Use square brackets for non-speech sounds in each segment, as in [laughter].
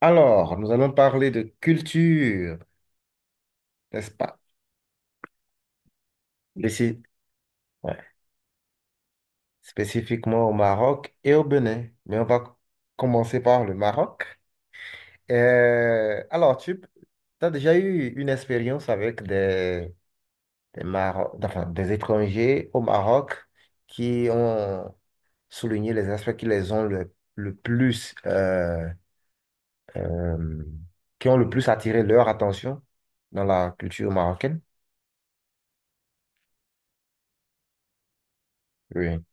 Alors, nous allons parler de culture, n'est-ce pas? Spéci- ouais. Spécifiquement au Maroc et au Bénin. Mais on va commencer par le Maroc. Alors, tu as déjà eu une expérience avec enfin, des étrangers au Maroc qui ont souligné les aspects qui les ont le plus, euh, qui ont le plus attiré leur attention dans la culture marocaine? Oui,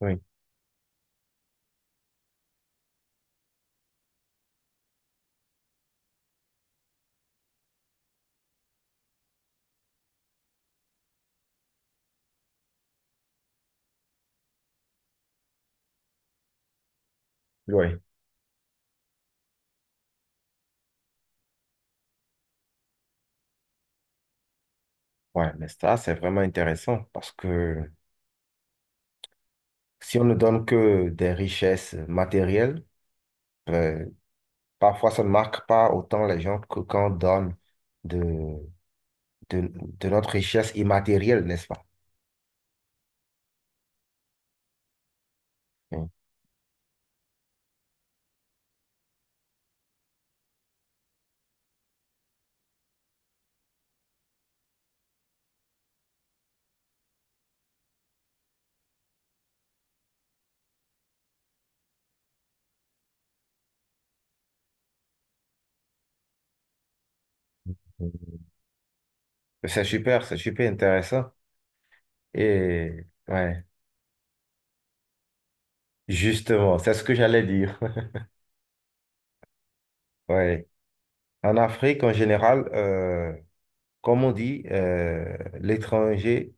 oui, oui. Ouais, mais ça, c'est vraiment intéressant parce que si on ne donne que des richesses matérielles, ben, parfois ça ne marque pas autant les gens que quand on donne de, de notre richesse immatérielle, n'est-ce pas? Mm. C'est super intéressant. Et ouais, justement, c'est ce que j'allais dire. [laughs] Ouais. En Afrique, en général, comme on dit, l'étranger,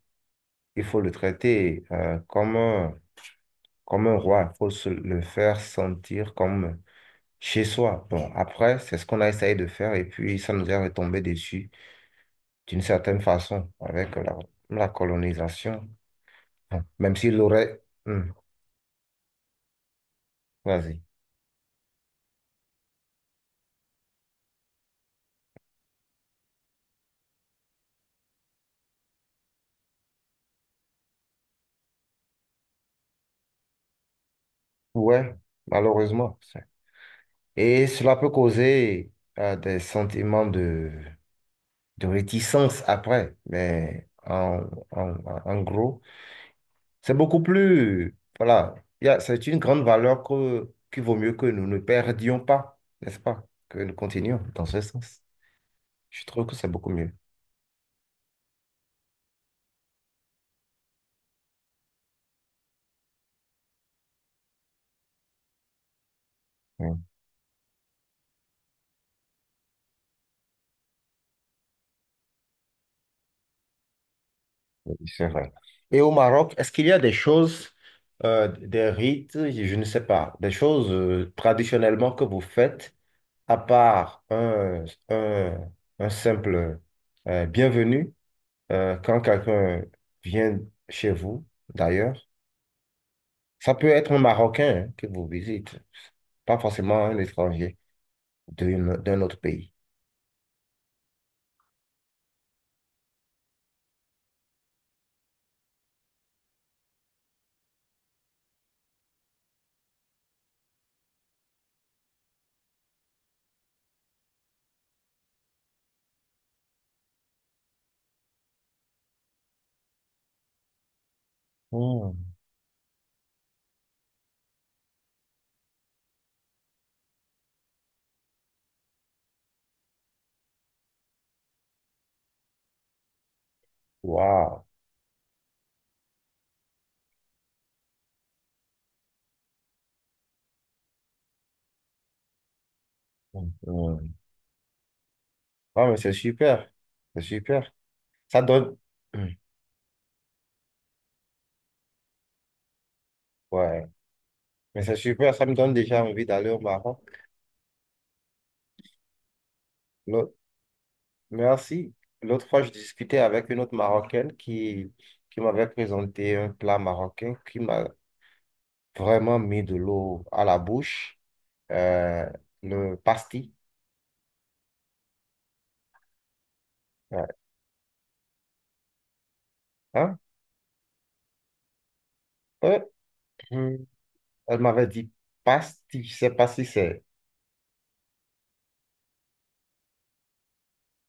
il faut le traiter comme un Comme un roi, il faut se le faire sentir comme chez soi. Bon, après, c'est ce qu'on a essayé de faire et puis ça nous est retombé dessus d'une certaine façon avec la colonisation. Bon, même s'il aurait... Hmm, vas-y. Ouais, malheureusement. Et cela peut causer des sentiments de réticence après. Mais en gros... C'est beaucoup plus, voilà, c'est une grande valeur qu'il vaut mieux que nous ne perdions pas, n'est-ce pas? Que nous continuions dans ce sens. Je trouve que c'est beaucoup mieux. Oui, oui, c'est vrai. Et au Maroc, est-ce qu'il y a des choses, des rites, je ne sais pas, des choses traditionnellement que vous faites, à part un simple bienvenue quand quelqu'un vient chez vous, d'ailleurs? Ça peut être un Marocain hein, que vous visite. Pas forcément un étranger d'un autre pays. Hmm. Waouh. Hmm, hmm. Ah, mais c'est super. C'est super. Ça donne. Hmm. Ouais. Mais c'est super. Ça me donne déjà envie d'aller au Maroc. Merci. L'autre fois, je discutais avec une autre Marocaine qui m'avait présenté un plat marocain qui m'a vraiment mis de l'eau à la bouche, euh, le pastis. Ouais. Hein? Euh, hum. Elle m'avait dit pastis, je sais pas si c'est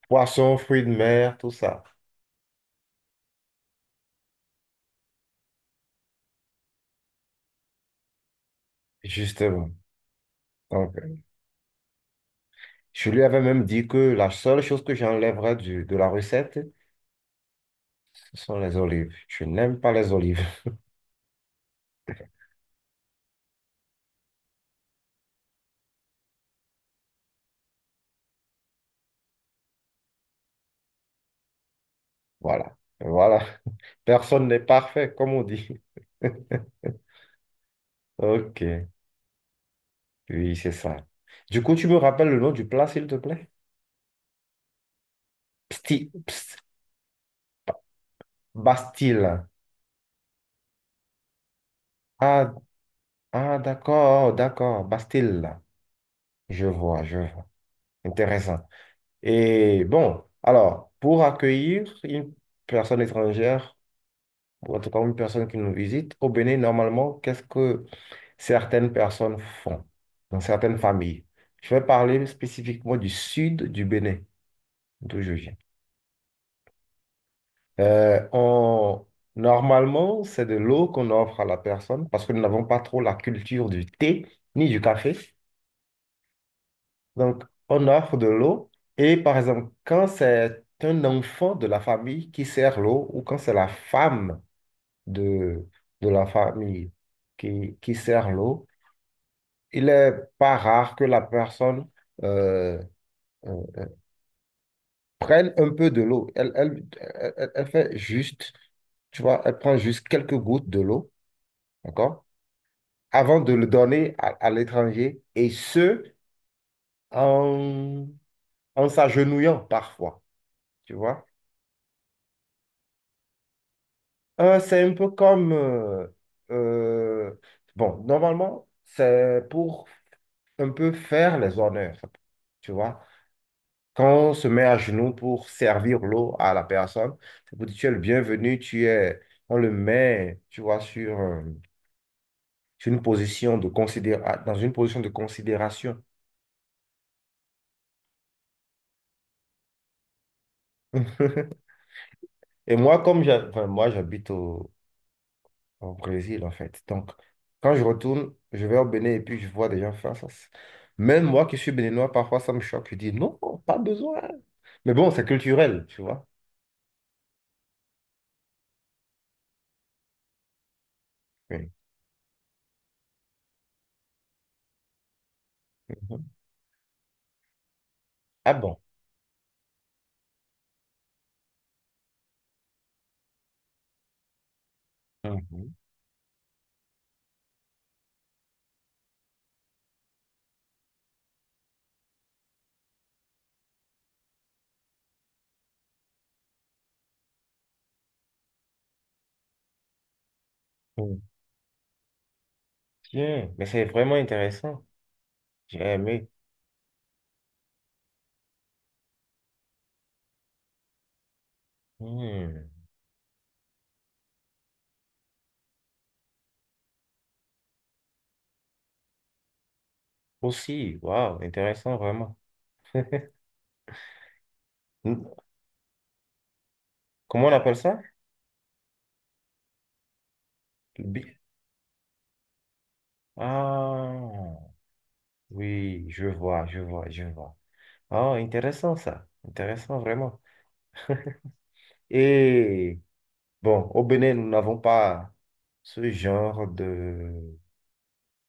poisson, fruits de mer, tout ça. Justement. Donc, je lui avais même dit que la seule chose que j'enlèverais de la recette, ce sont les olives. Je n'aime pas les olives. Voilà. Voilà. [laughs] Personne n'est parfait, comme on dit. [laughs] Ok. Oui, c'est ça. Du coup, tu me rappelles le nom du plat, s'il te plaît? Psti, pst- Bastille. Ah, ah, d'accord, d'accord. Bastille. Je vois, je vois. Intéressant. Et bon, alors, pour accueillir une personne étrangère, ou en tout cas une personne qui nous visite, au Bénin, normalement, qu'est-ce que certaines personnes font dans certaines familles? Je vais parler spécifiquement du sud du Bénin, d'où je viens. Euh, on- Normalement, c'est de l'eau qu'on offre à la personne parce que nous n'avons pas trop la culture du thé ni du café. Donc, on offre de l'eau et par exemple, quand c'est un enfant de la famille qui sert l'eau ou quand c'est la femme de, de la famille qui sert l'eau, il est pas rare que la personne euh, euh, prenne un peu de l'eau. Elle, elle fait juste, tu vois, elle prend juste quelques gouttes de l'eau, d'accord? Avant de le donner à l'étranger, et ce, en, en s'agenouillant parfois, tu vois. C'est un peu comme, euh, bon, normalement, c'est pour un peu faire les honneurs, tu vois. Quand on se met à genoux pour servir l'eau à la personne, c'est pour dire tu es le bienvenu, tu es, on le met, tu vois, sur, sur une position de considéra dans une position de considération. Et moi, enfin, moi, j'habite au Brésil, en fait. Donc, quand je retourne, je vais au Bénin et puis je vois des gens faire ça. C'est- même moi qui suis béninois, parfois ça me choque. Je dis non, pas besoin. Mais bon, c'est culturel, tu vois. Oui. Mhm. Ah bon. Mhm. Mhm. Tiens, mais c'est vraiment intéressant. J'ai aimé. Hmm. Aussi, waouh, intéressant vraiment. Hmm. Comment on appelle ça? Le bi- ah, oui, je vois, je vois, je vois. Ah, intéressant ça, intéressant vraiment. [laughs] Et bon, au Bénin, nous n'avons pas ce genre de,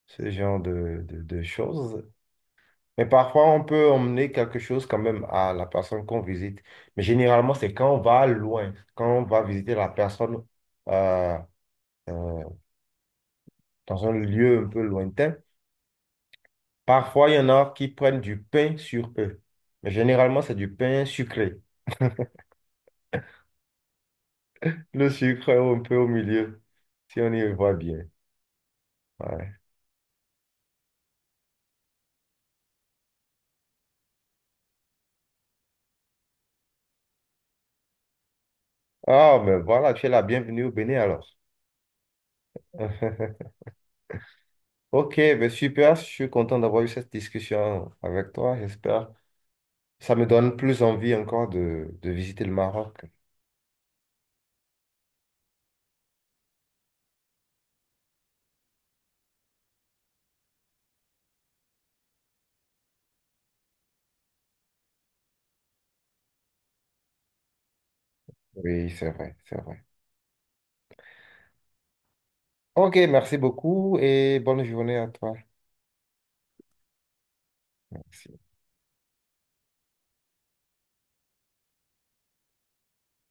ce genre de choses. Mais parfois, on peut emmener quelque chose quand même à la personne qu'on visite. Mais généralement, c'est quand on va loin, quand on va visiter la personne euh, euh, dans un lieu un peu lointain. Parfois, il y en a qui prennent du pain sur eux. Mais généralement, c'est du pain sucré. Le sucre est un peu au milieu, si on y voit bien. Ouais. Ah, mais voilà, tu es la bienvenue au Bénin alors. [laughs] Ok, ben super, je suis content d'avoir eu cette discussion avec toi, j'espère. Ça me donne plus envie encore de visiter le Maroc. Oui, c'est vrai, c'est vrai. Ok, merci beaucoup et bonne journée à toi. Merci.